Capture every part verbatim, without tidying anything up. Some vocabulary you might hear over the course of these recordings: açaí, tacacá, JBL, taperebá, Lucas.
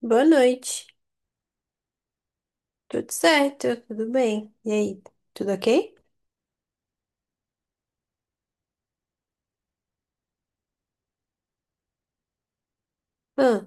Boa noite. Tudo certo? Tudo bem? E aí? Tudo ok? Ah,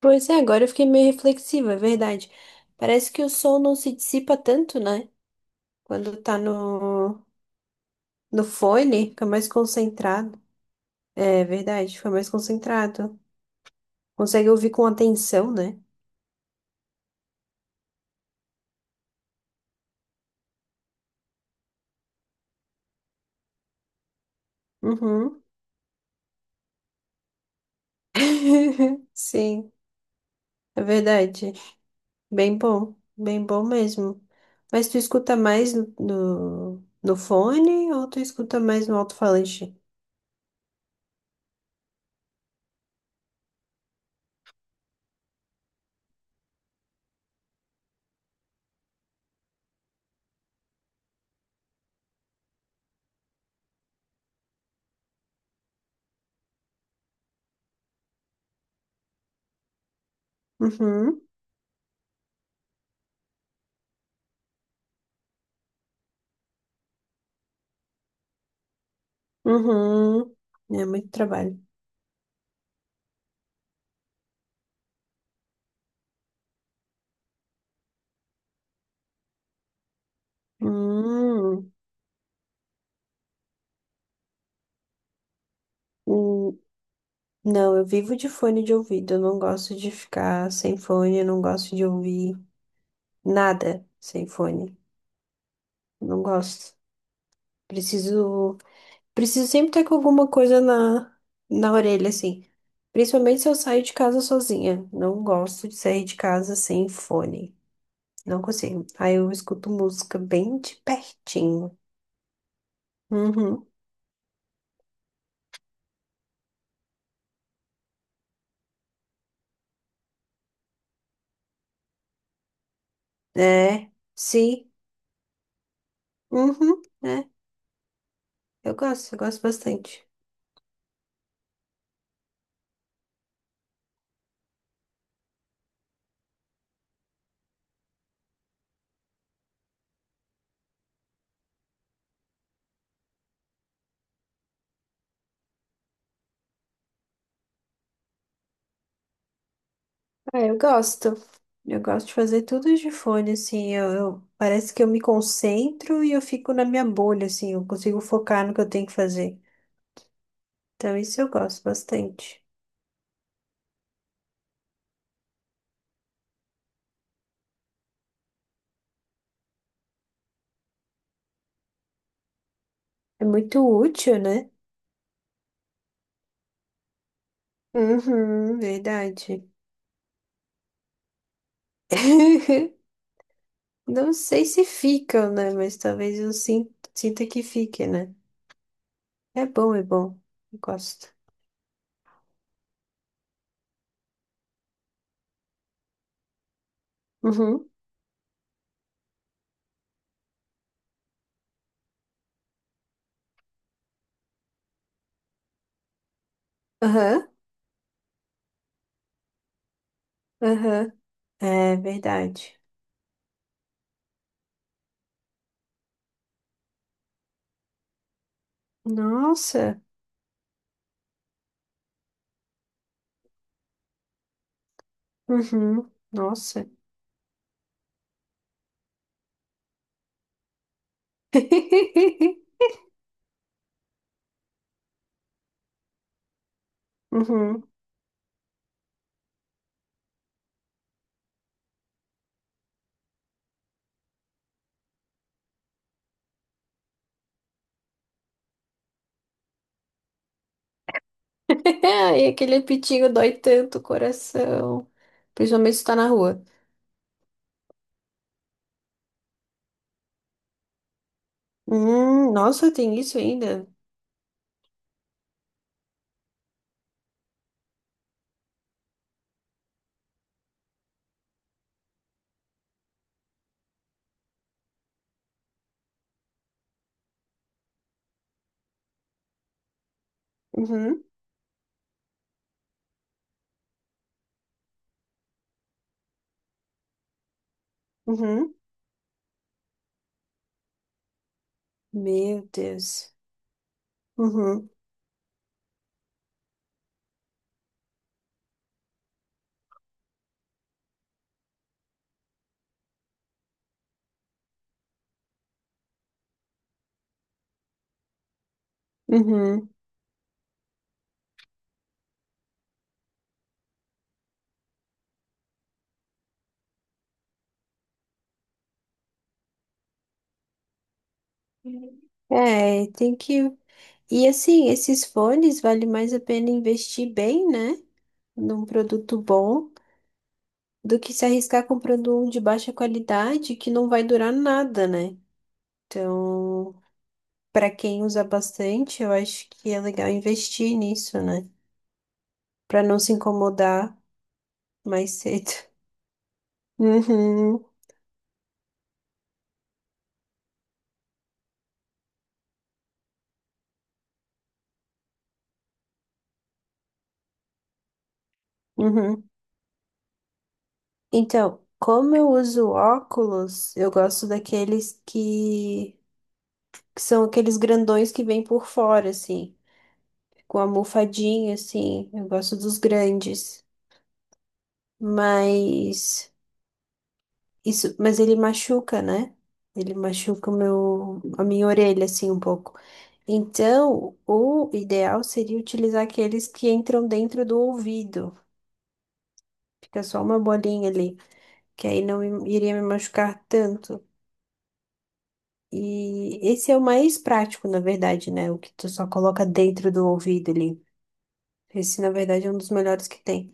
Pois é, agora eu fiquei meio reflexiva, é verdade. Parece que o som não se dissipa tanto, né? Quando tá no, No fone, fica mais concentrado. É verdade, fica mais concentrado. Consegue ouvir com atenção, né? Uhum. Sim, é verdade. Bem bom, bem bom mesmo. Mas tu escuta mais no, no fone ou tu escuta mais no alto-falante? Uhum, uhum. É muito trabalho. Hum, hum. Não, eu vivo de fone de ouvido. Eu não gosto de ficar sem fone. Eu não gosto de ouvir nada sem fone. Não gosto. Preciso, Preciso sempre ter com alguma coisa na, na orelha, assim. Principalmente se eu saio de casa sozinha. Não gosto de sair de casa sem fone. Não consigo. Aí eu escuto música bem de pertinho. Uhum. É, sim. Uhum. É. Eu gosto, eu gosto bastante. Ah, eu gosto. Eu gosto de fazer tudo de fone, assim, eu, eu- parece que eu me concentro e eu fico na minha bolha, assim, eu consigo focar no que eu tenho que fazer. Então, isso eu gosto bastante. É muito útil, né? Uhum, verdade. Não sei se ficam, né? Mas talvez eu sin- sinta que fique, né? É bom, é bom. Eu gosto. Uhum. Aham, aham. É verdade. Nossa. Uhum. Nossa. Uhum. Ai, aquele pitinho dói tanto o coração. Principalmente se tá na rua. Hum, nossa, tem isso ainda? Uhum. Uhum. Meu Deus. Uhum. Uhum. É, tem que. E assim, esses fones vale mais a pena investir bem, né? Num produto bom, do que se arriscar comprando um de baixa qualidade que não vai durar nada, né? Então. Para quem usa bastante, eu acho que é legal investir nisso, né? Para não se incomodar mais cedo. Uhum, uhum. Então, como eu uso óculos, eu gosto daqueles que, que são aqueles grandões que vêm por fora, assim, com a almofadinha, assim. Eu gosto dos grandes. Mas isso, mas ele machuca, né? Ele machuca o meu, a minha orelha, assim, um pouco. Então, o ideal seria utilizar aqueles que entram dentro do ouvido. Fica só uma bolinha ali, que aí não me- iria me machucar tanto. E esse é o mais prático, na verdade, né? O que tu só coloca dentro do ouvido ali. Esse, na verdade, é um dos melhores que tem.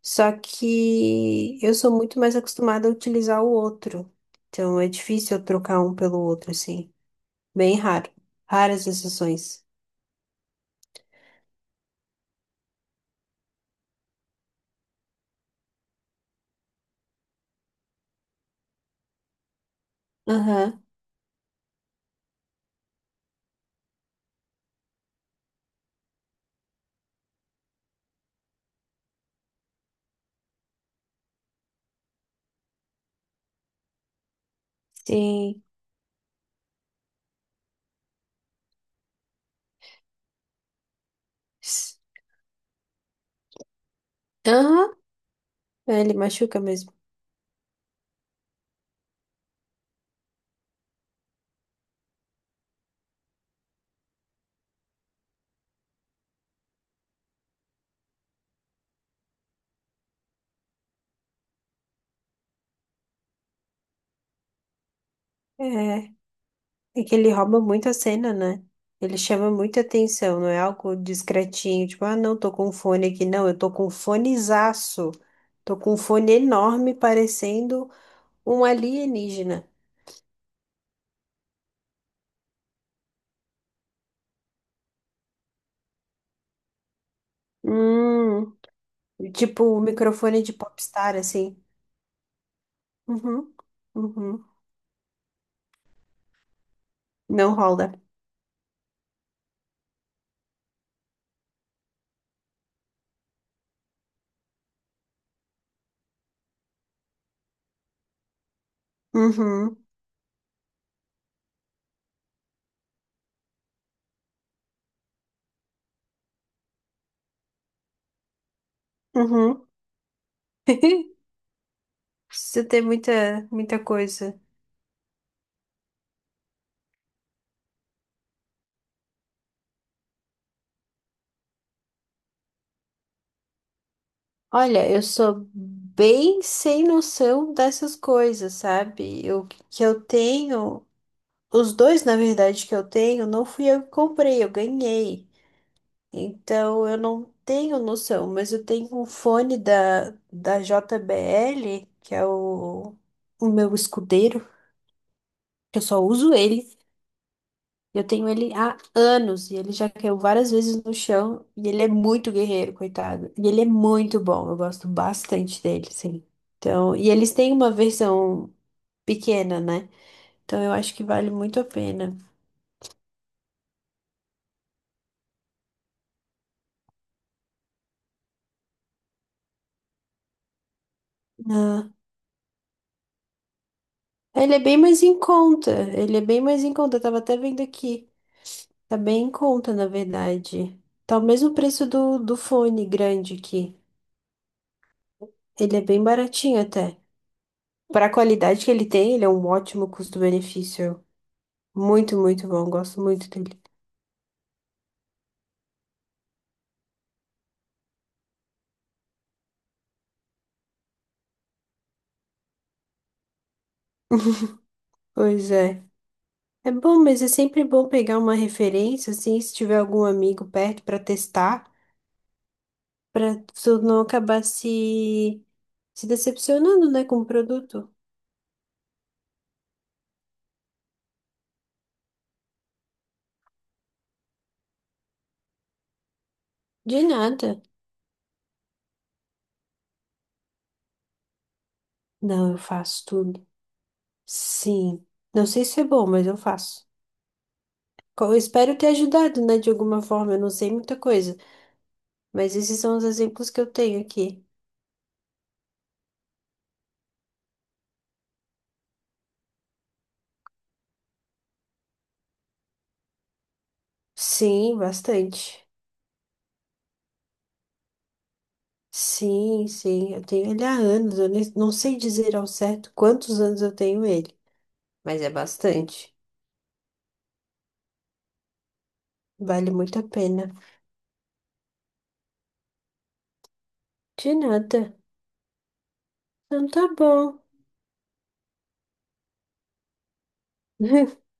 Só que eu sou muito mais acostumada a utilizar o outro. Então, é difícil eu trocar um pelo outro, assim. Bem raro. Raras exceções. Aham. Sim. Aham, é, ele machuca mesmo. É, é que ele rouba muito a cena, né? Ele chama muita atenção, não é algo discretinho, tipo, ah, não, tô com um fone aqui, não, eu tô com um fonezaço. Tô com um fone enorme, parecendo um alienígena. Hum, tipo o microfone de popstar, assim. Uhum, uhum. Não rola. Uhum, uhum. Precisa ter muita, muita coisa. Olha, eu sou bem sem noção dessas coisas, sabe? Eu que eu tenho, Os dois, na verdade, que eu tenho, não fui eu que comprei, eu ganhei. Então eu não tenho noção, mas eu tenho um fone da, da J B L, que é o, o meu escudeiro, que eu só uso ele. Eu tenho ele há anos e ele já caiu várias vezes no chão e ele é muito guerreiro, coitado. E ele é muito bom, eu gosto bastante dele, sim. Então, e eles têm uma versão pequena, né? Então eu acho que vale muito a pena. Ah, ele é bem mais em conta, ele é bem mais em conta. Eu tava até vendo aqui, tá bem em conta, na verdade. Tá o mesmo preço do, do fone grande aqui. Ele é bem baratinho até. Para a qualidade que ele tem, ele é um ótimo custo-benefício. Muito, muito bom. Gosto muito dele. Pois é. É bom, mas é sempre bom pegar uma referência, assim, se tiver algum amigo perto para testar, para tu não acabar se se decepcionando, né, com o produto. De nada. Não, eu faço tudo. Sim. Não sei se é bom, mas eu faço. Co- Eu espero ter ajudado, né, de alguma forma. Eu não sei muita coisa, mas esses são os exemplos que eu tenho aqui. Sim, bastante. Sim, sim, eu tenho ele há anos. Eu nem- não sei dizer ao certo quantos anos eu tenho ele, mas é bastante. Vale muito a pena. De nada. Então tá bom.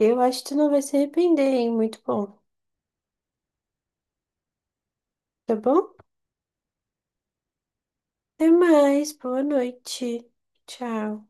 Eu acho que tu não vai se arrepender, hein? Muito bom. Tá bom? Até mais. Boa noite. Tchau.